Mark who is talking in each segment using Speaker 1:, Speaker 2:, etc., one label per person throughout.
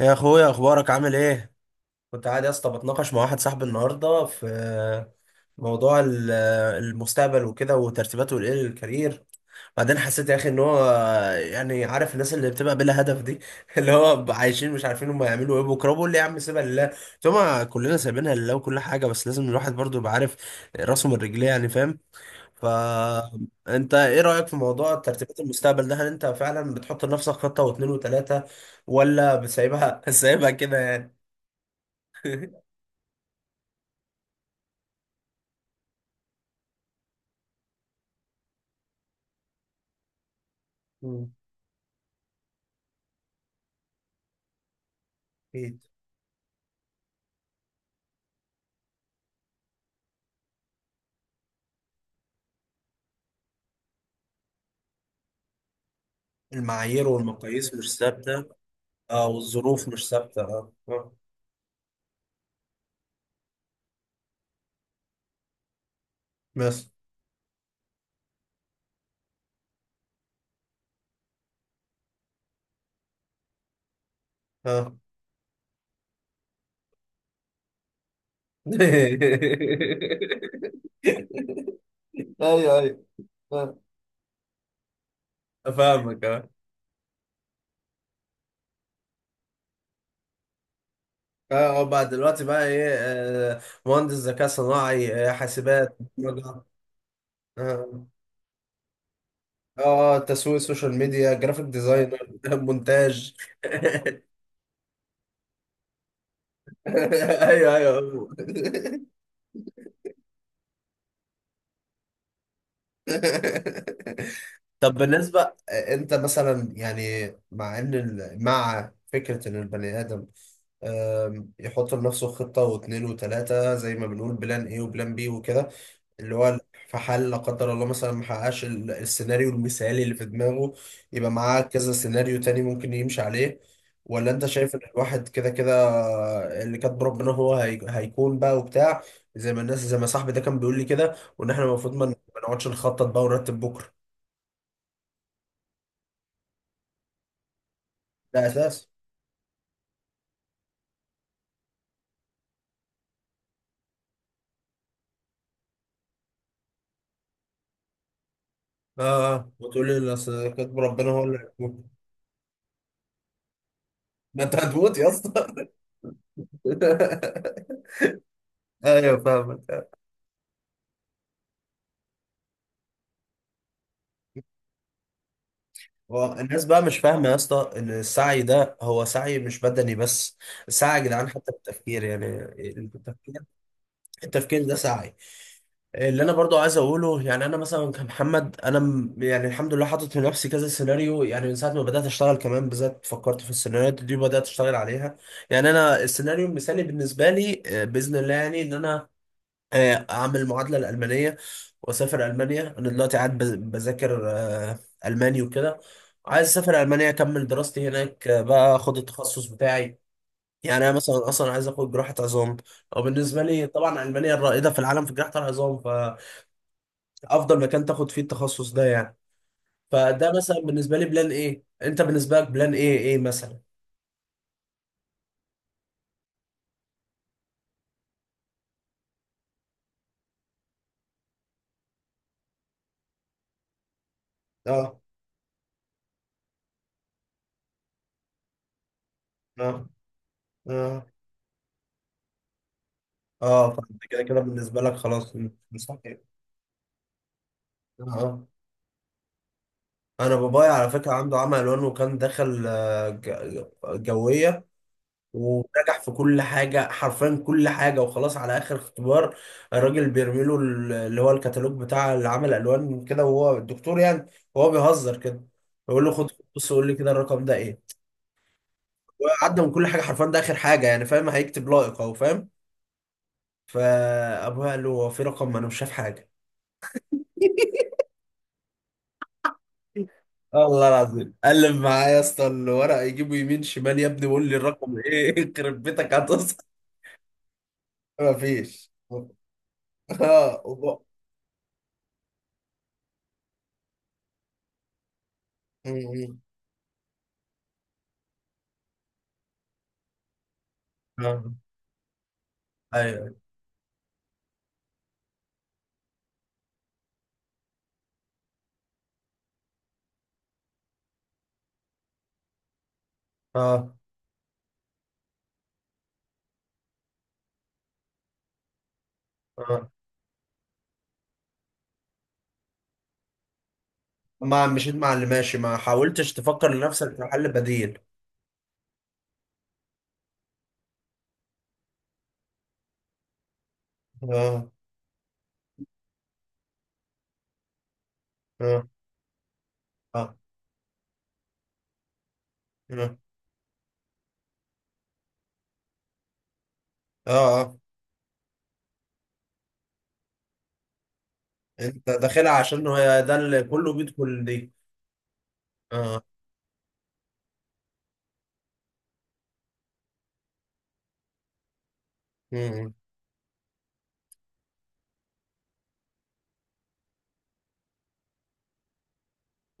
Speaker 1: يا اخويا، اخبارك عامل ايه؟ كنت قاعد يا اسطى بتناقش مع واحد صاحبي النهارده في موضوع المستقبل وكده وترتيباته لايه للكارير. بعدين حسيت يا اخي ان هو يعني، عارف الناس اللي بتبقى بلا هدف دي؟ اللي هو عايشين مش عارفين هم هيعملوا ايه بكره، بقول لي يا عم سيبها لله. ثم كلنا سايبينها لله وكل حاجه، بس لازم الواحد برضو يبقى عارف راسه من رجليه يعني، فاهم؟ فانت ايه رأيك في موضوع ترتيبات المستقبل ده؟ هل انت فعلا بتحط لنفسك خطة واثنين وثلاثة ولا بتسيبها سايبها كده يعني؟ مم. أكيد. المعايير والمقاييس مش ثابتة. اه، والظروف مش ثابتة، اه. آه. بس، اه، ايوه، ايوه، آه. فاهمك، اه. اه. بقى دلوقتي بقى ايه؟ مهندس ذكاء صناعي، حاسبات، برمجة. آه. اه، اه، تسويق، سوشيال ميديا، جرافيك ديزاينر، مونتاج. ايوه، ايوه، هو. طب بالنسبه انت مثلا يعني، مع ان مع فكره ان البني ادم يحط لنفسه خطه واثنين وثلاثه زي ما بنقول، بلان ايه وبلان بي وكده، اللي هو في حال لا قدر الله مثلا ما حققش السيناريو المثالي اللي في دماغه، يبقى معاه كذا سيناريو تاني ممكن يمشي عليه. ولا انت شايف ان الواحد كده كده اللي كاتب ربنا هو هيكون بقى وبتاع، زي ما الناس زي ما صاحبي ده كان بيقول لي كده، وان احنا المفروض ما نقعدش نخطط بقى ونرتب بكره؟ ده اساس. اه، اه، وتقول لي اصل كاتب ربنا هو اللي هيكون. ما انت هتموت يا اسطى! ايوه، فاهم. هو الناس بقى مش فاهمة يا اسطى إن السعي ده هو سعي مش بدني بس، سعي يا جدعان حتى في التفكير يعني. التفكير التفكير ده سعي. اللي أنا برضو عايز أقوله، يعني أنا مثلا كمحمد، أنا يعني الحمد لله حاطط لنفسي كذا سيناريو، يعني من ساعة ما بدأت أشتغل كمان بالذات فكرت في السيناريوهات دي وبدأت أشتغل عليها. يعني أنا السيناريو المثالي بالنسبة لي بإذن الله، يعني إن أنا اعمل المعادله الالمانيه واسافر المانيا. انا دلوقتي قاعد بذاكر الماني وكده. عايز اسافر المانيا اكمل دراستي هناك، بقى اخد التخصص بتاعي. يعني انا مثلا اصلا عايز اخد جراحه عظام. او بالنسبه لي طبعا المانيا الرائده في العالم في جراحه العظام، فافضل مكان تاخد فيه التخصص ده يعني. فده مثلا بالنسبه لي بلان ايه. انت بالنسبه لك بلان ايه مثلا؟ اه، اه، اه، اه، فانت كده كده بالنسبه لك خلاص. مستحيل. اه، آه. انا بابايا على فكره عنده عمى الوان، وكان دخل جويه. ونجح في كل حاجه حرفيا، كل حاجه، وخلاص على اخر اختبار. الراجل بيرمي له اللي هو الكتالوج بتاع اللي عمل الوان كده، وهو الدكتور يعني. وهو بيهزر كده، بيقول له خد. بص، قول لي كده الرقم ده ايه. وعدى من كل حاجه حرفيا، ده اخر حاجه يعني، فاهم هيكتب لائق اهو، فاهم. فابويا قال له، هو في رقم؟ ما انا مش شايف حاجه. والله العظيم قلب معايا يا اسطى الورق، يجيبه يمين شمال يا ابني، وقول لي الرقم ايه. يخرب بيتك هتصحى. مفيش. اه. م- م. آه. ايوه، اه، اه. ما مشيت مع اللي ماشي، ما حاولتش تفكر لنفسك في حل بديل؟ اه، اه، اه، اه، اه، اه، انت داخلها عشان هو، ده اللي كله بيدخل دي. اه. م- م.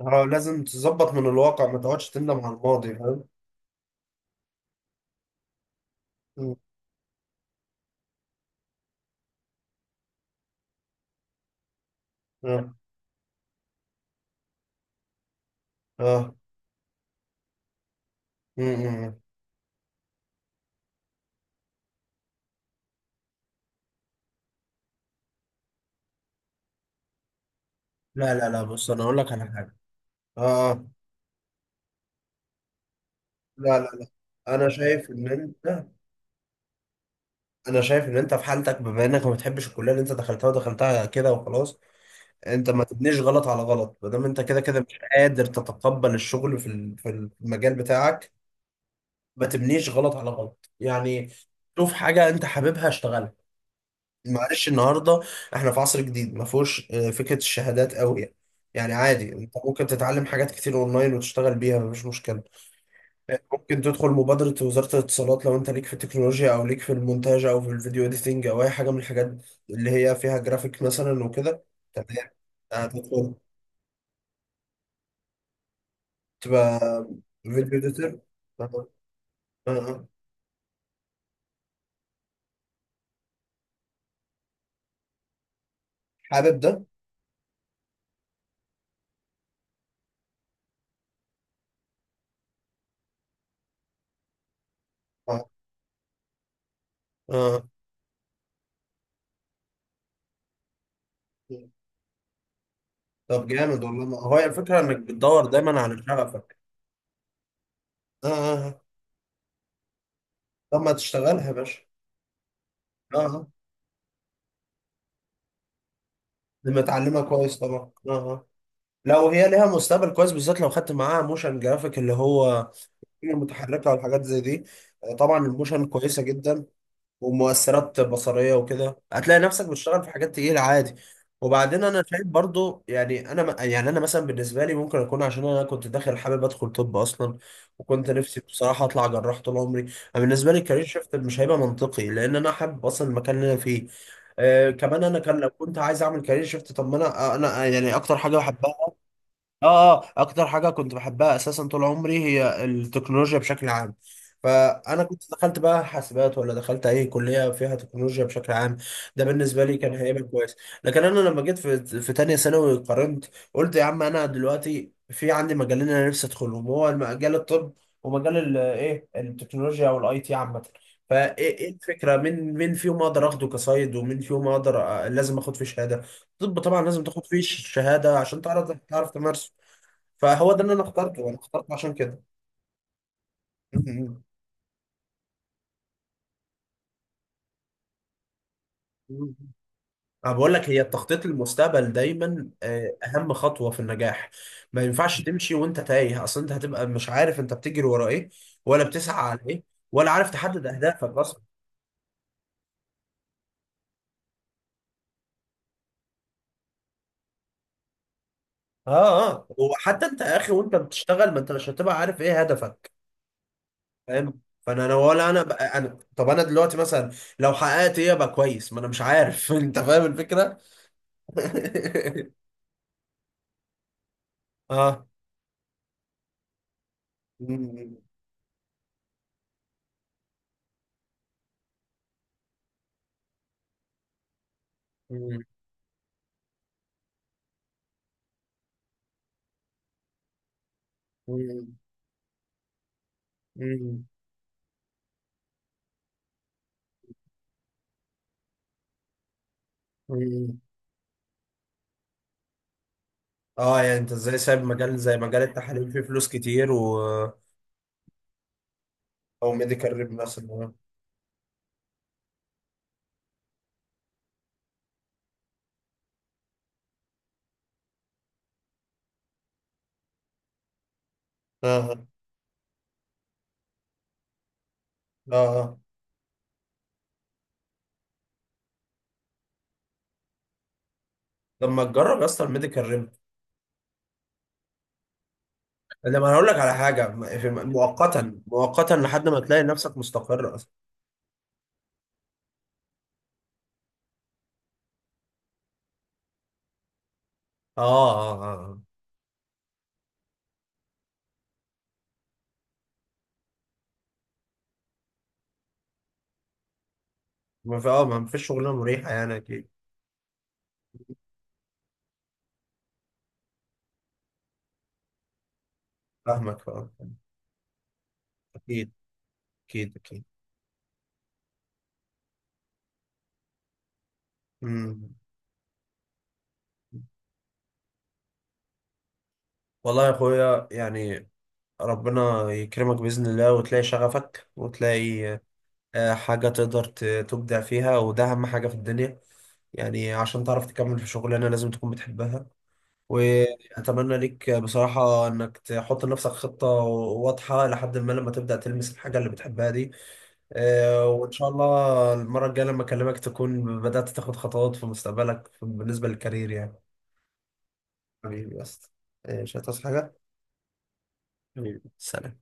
Speaker 1: اه، لازم تظبط من الواقع، ما تقعدش تندم على الماضي. فاهم. م. اه، اه. م- م. لا، لا، لا، بص انا اقول لك على حاجه. اه. لا، لا، لا، انا شايف ان انت. انا شايف ان انت في حالتك، بما انك ما بتحبش الكليه اللي انت دخلتها ودخلتها كده وخلاص. انت ما تبنيش غلط على غلط، ما دام انت كده كده مش قادر تتقبل الشغل في المجال بتاعك. ما تبنيش غلط على غلط يعني. شوف حاجه انت حاببها، اشتغلها. معلش، النهارده احنا في عصر جديد ما فيهوش فكره الشهادات قوي يعني. يعني عادي، انت ممكن تتعلم حاجات كتير اونلاين وتشتغل بيها، مفيش مشكله. ممكن تدخل مبادرة وزارة الاتصالات لو انت ليك في التكنولوجيا، او ليك في المونتاج، او في الفيديو اديتنج، او اي حاجة من الحاجات اللي هي فيها جرافيك مثلا وكده. تمام. هتدخل تبقى فيديو اديتور. اه، اه. آه. حابب ده، اه، اه. طب جامد والله، ما هو هي الفكرة انك بتدور دايما على شغفك. اه، اه، آه. طب ما تشتغلها يا باشا. اه، اه، لما تعلمها كويس طبعا، اه، اه، لو هي ليها مستقبل كويس، بالذات لو خدت معاها موشن جرافيك اللي هو المتحركه والحاجات زي دي. طبعا الموشن كويسه جدا. ومؤثرات بصريه وكده، هتلاقي نفسك بتشتغل في حاجات تقيله عادي. وبعدين انا شايف برضو، يعني انا يعني انا مثلا بالنسبه لي، ممكن اكون عشان انا كنت داخل حابب ادخل طب اصلا. وكنت نفسي بصراحه اطلع جراح طول عمري. أنا بالنسبه لي الكارير شيفت مش هيبقى منطقي لان انا حابب اصلا المكان اللي انا فيه. كمان انا كان لو كنت عايز اعمل كارير شيفت، طب ما انا يعني اكتر حاجه بحبها. اه، اه، اكتر حاجه كنت بحبها اساسا طول عمري هي التكنولوجيا بشكل عام. فانا كنت دخلت بقى حاسبات، ولا دخلت اي كليه فيها تكنولوجيا بشكل عام. ده بالنسبه لي كان هيبقى كويس. لكن انا لما جيت في تانية ثانوي قارنت. قلت يا عم، انا دلوقتي في عندي مجالين انا نفسي ادخلهم، هو مجال الطب. ومجال ال- ايه التكنولوجيا والاي تي عامه. فايه إيه الفكره، مين مين فيهم اقدر اخده كصيد، ومين فيهم اقدر. لازم اخد فيه شهاده. طب طبعا لازم تاخد فيه شهادة عشان تعرف تمارسه. فهو ده اللي انا اخترته عشان كده. مم. مم. انا بقول لك، هي التخطيط للمستقبل دايما اهم خطوه في النجاح. ما ينفعش تمشي وانت تايه اصلا، انت هتبقى مش عارف انت بتجري ورا ايه. ولا بتسعى على ايه. ولا عارف تحدد اهدافك اصلا. اه، اه، وحتى انت يا اخي وانت بتشتغل، ما انت مش هتبقى عارف ايه هدفك. فاهم. فانا ولا انا بقى انا، طب انا دلوقتي مثلا لو حققت ايه ابقى كويس، ما انا مش عارف. انت فاهم الفكره؟ اه. مم. مم. مم. مم. مم. اه، يعني انت ازاي سايب مجال زي مجال التحاليل فيه فلوس كتير و. او ميديكال ريب مثلا، اه، اه، اه. طب ما تجرب يا اسطى الميديكال ريب. لما، انا هقول لك على حاجه، مؤقتا مؤقتا لحد ما تلاقي نفسك مستقر اصلا. اه، اه، اه، اه. ما في اه ما فيش شغلانه مريحه يعني، اكيد. فاهمك، اه. اكيد، اكيد، اكيد. مم. والله يا اخويا يعني، ربنا يكرمك بإذن الله وتلاقي شغفك وتلاقي حاجة تقدر تبدع فيها، وده أهم حاجة في الدنيا. يعني عشان تعرف تكمل في شغلانة لازم تكون بتحبها. وأتمنى ليك بصراحة إنك تحط لنفسك خطة واضحة، لحد ما لما تبدأ تلمس الحاجة اللي بتحبها دي. وإن شاء الله المرة الجاية لما أكلمك تكون بدأت تاخد خطوات في مستقبلك بالنسبة للكارير يعني. حبيبي بس. مش هتصحى حاجة. حبيبي، سلام.